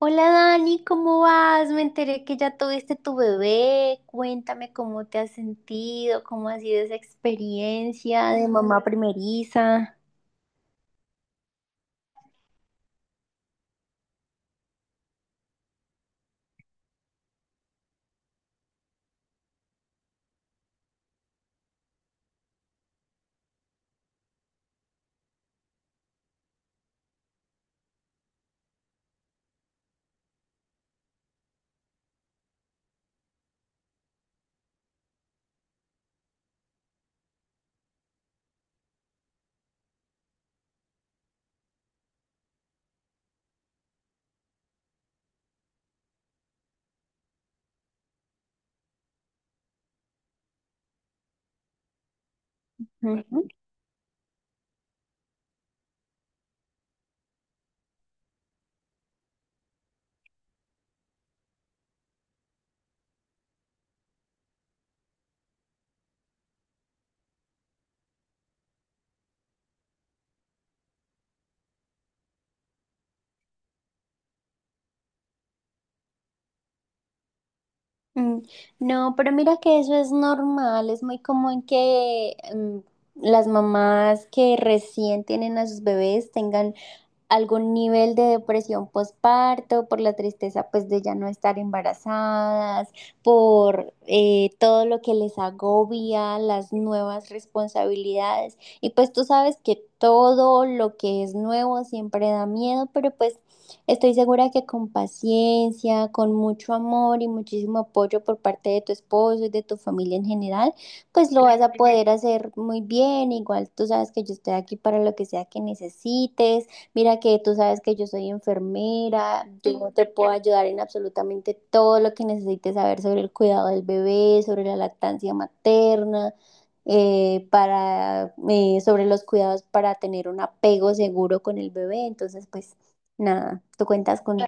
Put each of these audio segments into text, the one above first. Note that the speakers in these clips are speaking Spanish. Hola Dani, ¿cómo vas? Me enteré que ya tuviste tu bebé. Cuéntame cómo te has sentido, cómo ha sido esa experiencia de mamá primeriza. Ujú. Mm, no, pero mira que eso es normal, es muy común que las mamás que recién tienen a sus bebés tengan algún nivel de depresión postparto, por la tristeza pues de ya no estar embarazadas, por todo lo que les agobia, las nuevas responsabilidades. Y pues tú sabes que todo lo que es nuevo siempre da miedo, pero pues estoy segura que con paciencia, con mucho amor y muchísimo apoyo por parte de tu esposo y de tu familia en general, pues lo vas a poder hacer muy bien. Igual tú sabes que yo estoy aquí para lo que sea que necesites. Mira que tú sabes que yo soy enfermera, yo te puedo ayudar en absolutamente todo lo que necesites saber sobre el cuidado del bebé, sobre la lactancia materna, para, sobre los cuidados para tener un apego seguro con el bebé. Entonces, pues nada, tú cuentas con...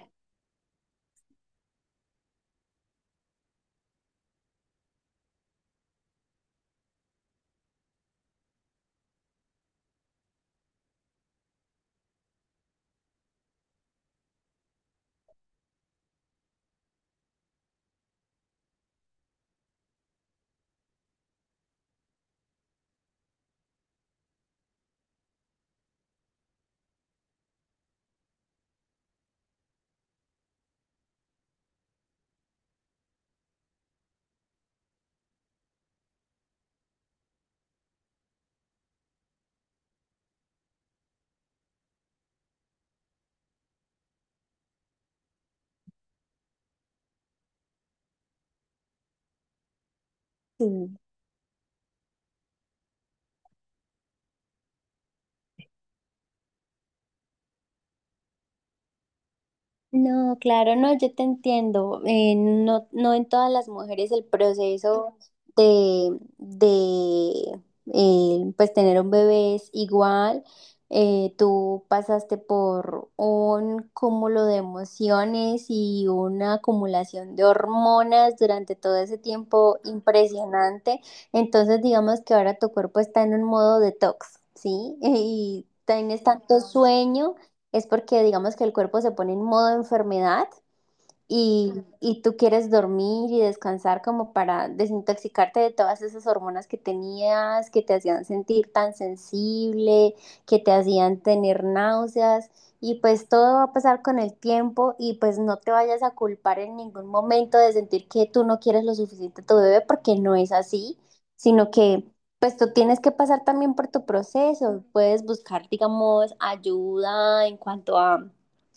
No, claro, no, yo te entiendo. No, no en todas las mujeres el proceso de pues tener un bebé es igual. Tú pasaste por un cúmulo de emociones y una acumulación de hormonas durante todo ese tiempo impresionante. Entonces, digamos que ahora tu cuerpo está en un modo detox, ¿sí? Y tienes tanto sueño es porque digamos que el cuerpo se pone en modo enfermedad y, y tú quieres dormir y descansar como para desintoxicarte de todas esas hormonas que tenías, que te hacían sentir tan sensible, que te hacían tener náuseas. Y pues todo va a pasar con el tiempo y pues no te vayas a culpar en ningún momento de sentir que tú no quieres lo suficiente a tu bebé porque no es así, sino que pues tú tienes que pasar también por tu proceso. Puedes buscar, digamos, ayuda en cuanto a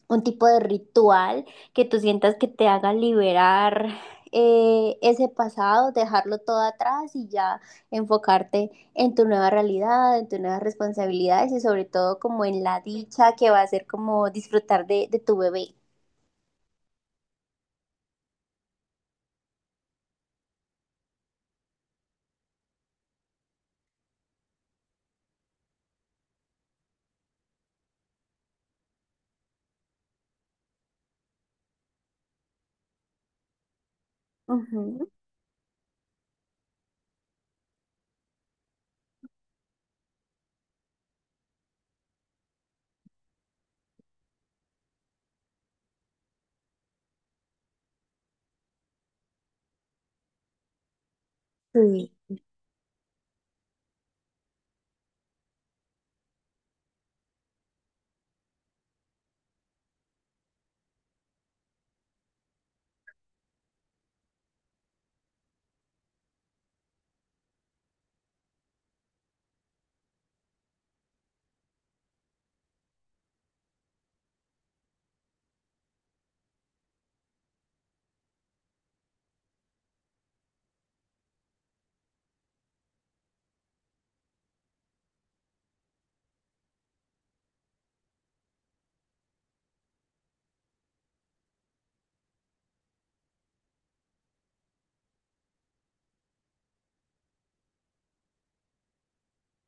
un tipo de ritual que tú sientas que te haga liberar ese pasado, dejarlo todo atrás y ya enfocarte en tu nueva realidad, en tus nuevas responsabilidades y sobre todo como en la dicha que va a ser como disfrutar de tu bebé. Ujú. Sí.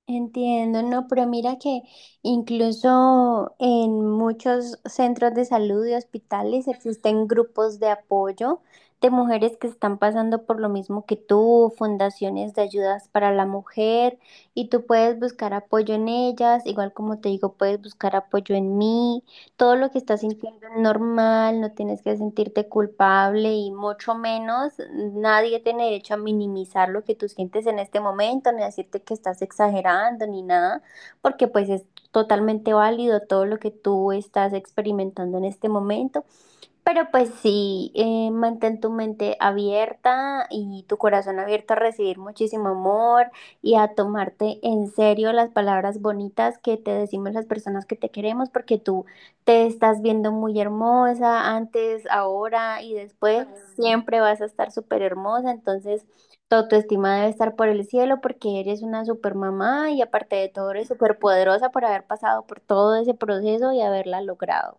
Entiendo, no, pero mira que incluso en muchos centros de salud y hospitales existen grupos de apoyo de mujeres que están pasando por lo mismo que tú, fundaciones de ayudas para la mujer, y tú puedes buscar apoyo en ellas, igual como te digo, puedes buscar apoyo en mí. Todo lo que estás sintiendo es normal, no tienes que sentirte culpable y mucho menos nadie tiene derecho a minimizar lo que tú sientes en este momento, ni a decirte que estás exagerando ni nada, porque pues es totalmente válido todo lo que tú estás experimentando en este momento. Pero pues sí, mantén tu mente abierta y tu corazón abierto a recibir muchísimo amor y a tomarte en serio las palabras bonitas que te decimos las personas que te queremos, porque tú te estás viendo muy hermosa antes, ahora y después. Mm. Siempre vas a estar súper hermosa, entonces tu autoestima debe estar por el cielo porque eres una super mamá y aparte de todo eres súper poderosa por haber pasado por todo ese proceso y haberla logrado.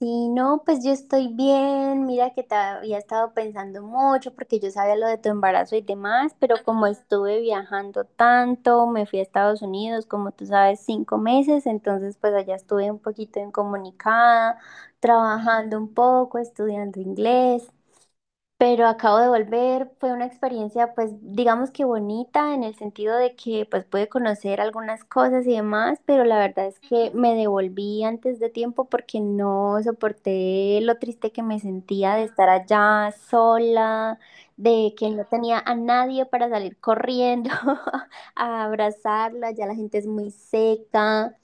Sí, no, pues yo estoy bien. Mira que te había estado pensando mucho porque yo sabía lo de tu embarazo y demás, pero como Ajá. Estuve viajando tanto, me fui a Estados Unidos, como tú sabes, 5 meses, entonces pues allá estuve un poquito incomunicada, trabajando un poco, estudiando inglés. Pero acabo de volver, fue una experiencia pues digamos que bonita en el sentido de que pues pude conocer algunas cosas y demás, pero la verdad es que me devolví antes de tiempo porque no soporté lo triste que me sentía de estar allá sola, de que no tenía a nadie para salir corriendo a abrazarla, ya la gente es muy seca,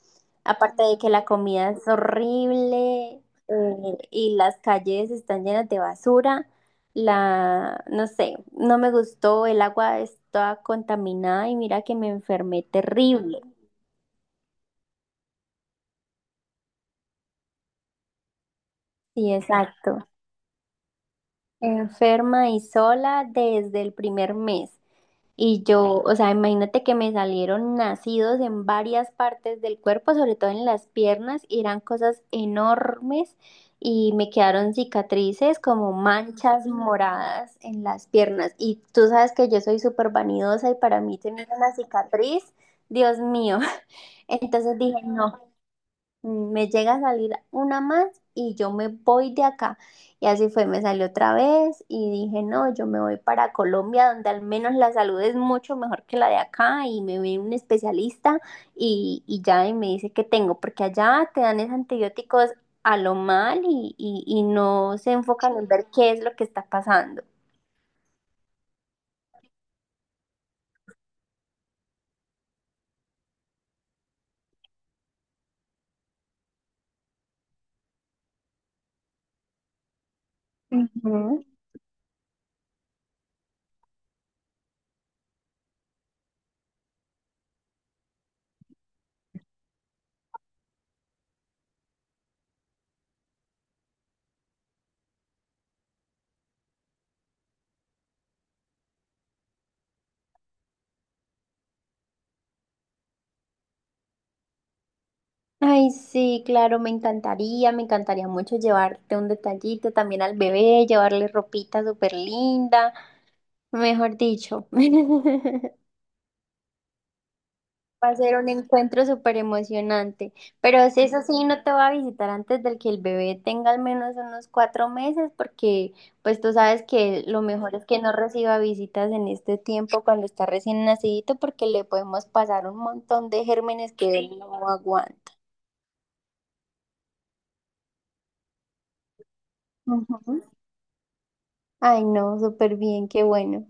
aparte de que la comida es horrible. Eh, y las calles están llenas de basura. La, no sé, no me gustó, el agua estaba contaminada y mira que me enfermé terrible. Sí, exacto. Enferma y sola desde el primer mes. Y yo, o sea, imagínate que me salieron nacidos en varias partes del cuerpo, sobre todo en las piernas, y eran cosas enormes y me quedaron cicatrices como manchas moradas en las piernas. Y tú sabes que yo soy súper vanidosa y para mí tener una cicatriz, Dios mío. Entonces dije, no, mm, me llega a salir una más y yo me voy de acá. Y así fue, me salió otra vez y dije, no, yo me voy para Colombia, donde al menos la salud es mucho mejor que la de acá y me ve un especialista y ya y me dice qué tengo, porque allá te dan esos antibióticos a lo mal y no se enfocan en ver qué es lo que está pasando. Ay, sí, claro, me encantaría mucho llevarte un detallito también al bebé, llevarle ropita súper linda, mejor dicho. Va a ser un encuentro súper emocionante. Pero si eso sí, no te va a visitar antes del que el bebé tenga al menos unos 4 meses, porque pues tú sabes que lo mejor es que no reciba visitas en este tiempo cuando está recién nacidito, porque le podemos pasar un montón de gérmenes que él no aguanta. Ujú. Ay, no, súper bien, qué bueno.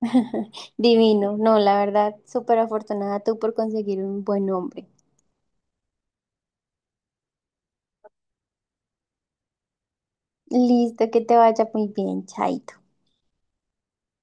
Divino, no, la verdad, súper afortunada tú por conseguir un buen hombre. Listo, que te vaya muy bien, chaito.